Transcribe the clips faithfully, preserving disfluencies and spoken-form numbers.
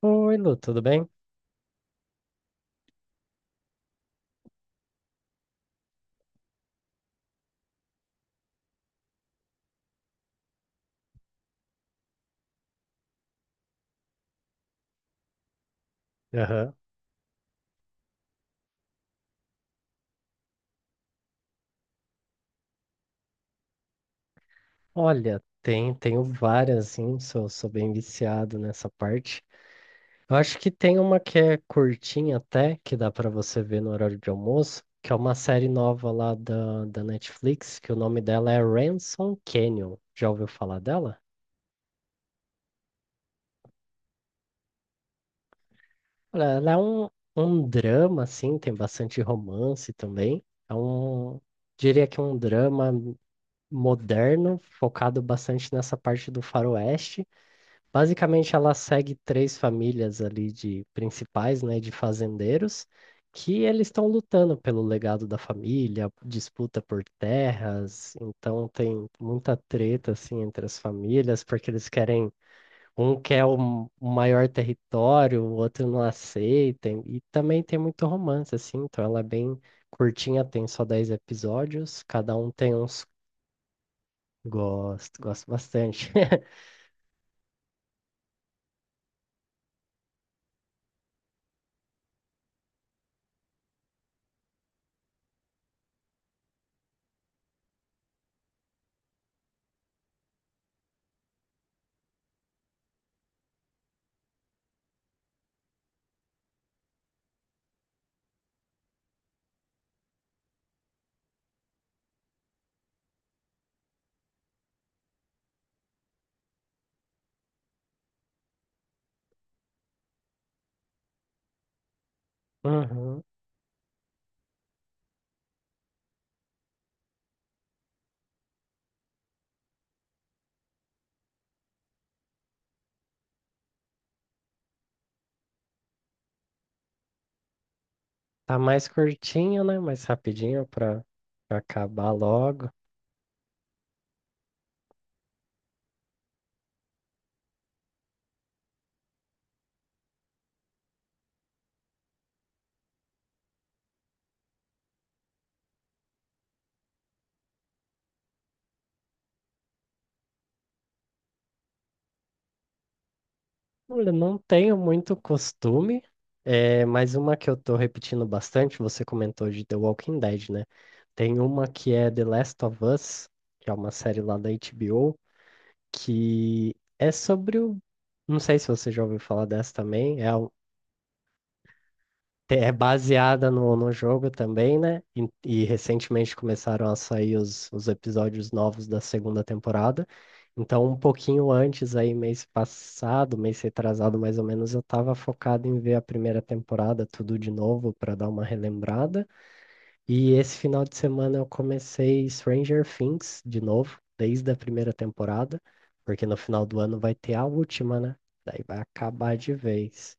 Oi, Lu, tudo bem? Aham. Olha, tem, tenho várias, assim, sou, sou bem viciado nessa parte. Eu acho que tem uma que é curtinha até, que dá pra você ver no horário de almoço, que é uma série nova lá da, da Netflix, que o nome dela é Ransom Canyon. Já ouviu falar dela? Olha, ela é um, um drama, assim, tem bastante romance também. É um, diria que é um drama moderno, focado bastante nessa parte do faroeste. Basicamente, ela segue três famílias ali de principais, né, de fazendeiros, que eles estão lutando pelo legado da família, disputa por terras, então tem muita treta assim entre as famílias, porque eles querem, um quer o o maior território, o outro não aceita, e também tem muito romance assim, então ela é bem curtinha, tem só dez episódios, cada um tem uns... Gosto, gosto bastante. Uhum. Tá mais curtinho, né? Mais rapidinho pra, pra acabar logo. Olha, não tenho muito costume, é, mas uma que eu tô repetindo bastante, você comentou de The Walking Dead, né? Tem uma que é The Last of Us, que é uma série lá da H B O, que é sobre o. Não sei se você já ouviu falar dessa também. É, o- te- é baseada no, no jogo também, né? E, e recentemente começaram a sair os, os episódios novos da segunda temporada. Então, um pouquinho antes, aí, mês passado, mês retrasado mais ou menos, eu estava focado em ver a primeira temporada, tudo de novo, para dar uma relembrada. E esse final de semana eu comecei Stranger Things de novo, desde a primeira temporada, porque no final do ano vai ter a última, né? Daí vai acabar de vez.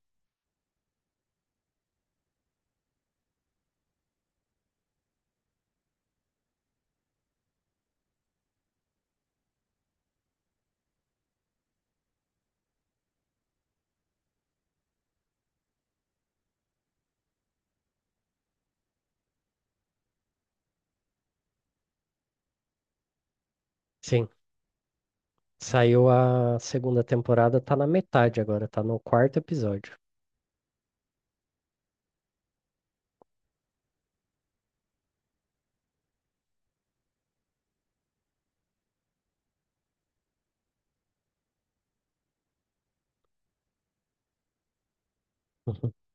Sim. Saiu a segunda temporada, tá na metade agora, tá no quarto episódio.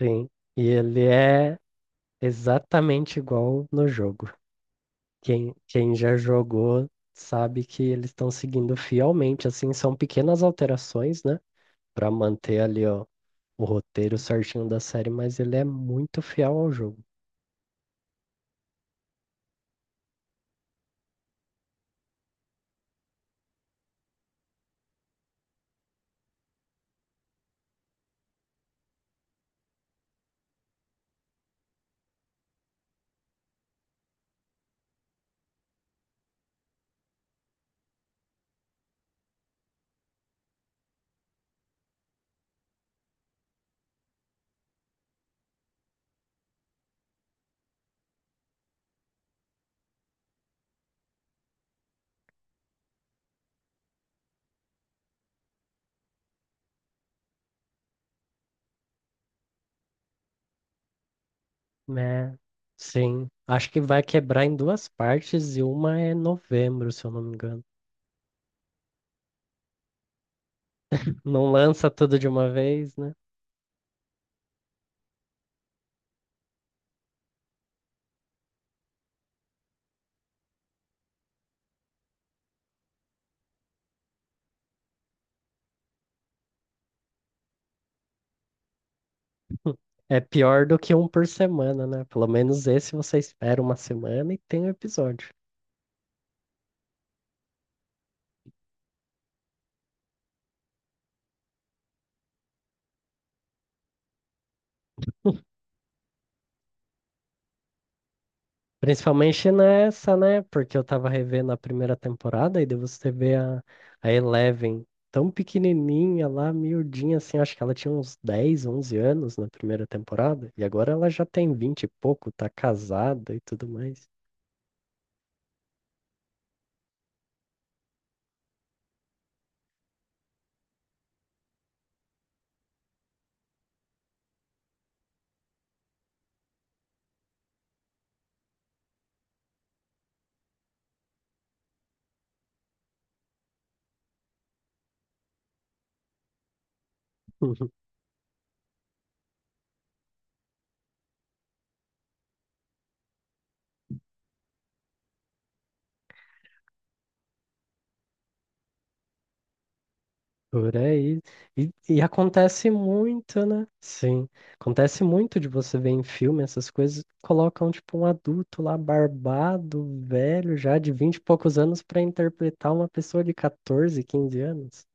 Sim. E ele é exatamente igual no jogo. Quem, quem já jogou sabe que eles estão seguindo fielmente, assim, são pequenas alterações, né? Pra manter ali, ó, o roteiro certinho da série, mas ele é muito fiel ao jogo. Né, sim. Acho que vai quebrar em duas partes e uma é novembro, se eu não me engano. Não lança tudo de uma vez, né? É pior do que um por semana, né? Pelo menos esse você espera uma semana e tem o episódio. Principalmente nessa, né? Porque eu tava revendo a primeira temporada e daí você vê a, a Eleven tão pequenininha lá, miudinha assim. Acho que ela tinha uns dez, onze anos na primeira temporada e agora ela já tem vinte e pouco, tá casada e tudo mais. Por aí. E, e acontece muito, né? Sim. Acontece muito de você ver em filme essas coisas, colocam tipo um adulto lá barbado, velho, já de vinte e poucos anos, para interpretar uma pessoa de catorze, quinze anos.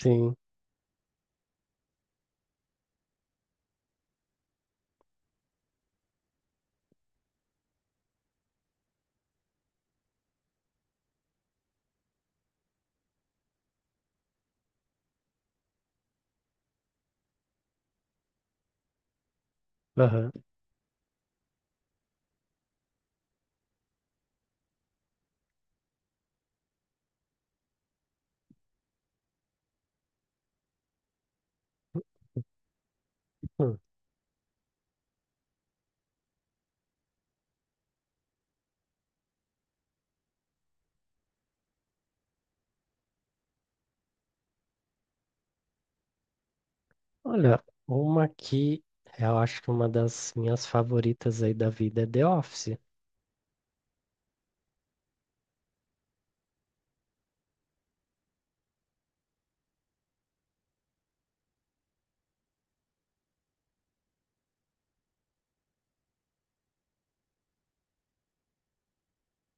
Sim. Aham. Hum. Olha, uma que eu acho que uma das minhas favoritas aí da vida é The Office.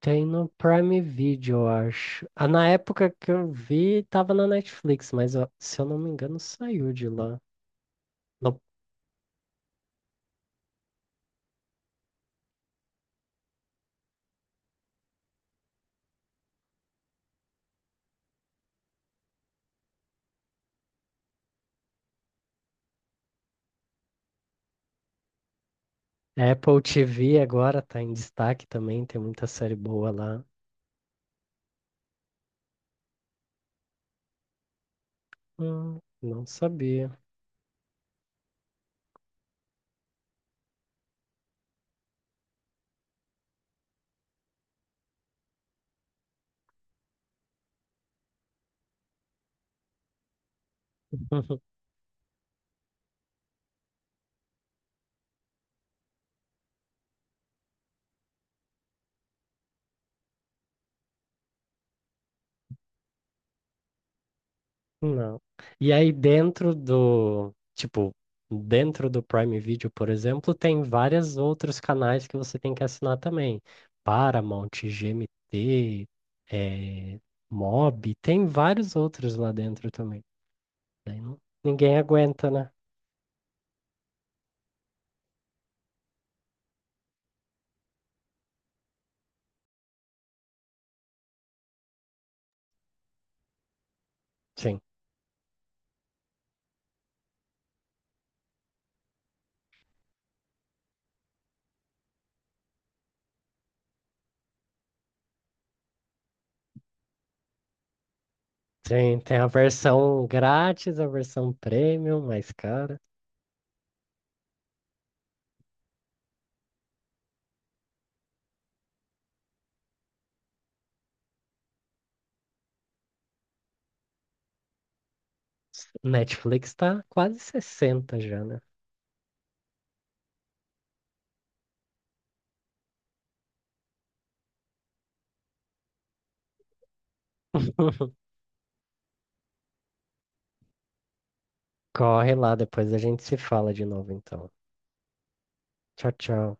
Tem no Prime Video, eu acho. Ah, na época que eu vi, tava na Netflix, mas ó, se eu não me engano, saiu de lá. No Apple T V agora tá em destaque também, tem muita série boa lá. Hum, não sabia. Não. E aí dentro do, tipo, dentro do Prime Video, por exemplo, tem vários outros canais que você tem que assinar também. Paramount, G M T, eh, Mob, tem vários outros lá dentro também. Daí não- ninguém aguenta, né? Sim. Tem, tem a versão grátis, a versão premium, mais cara. Netflix tá quase sessenta já, né? Corre lá, depois a gente se fala de novo, então. Tchau, tchau.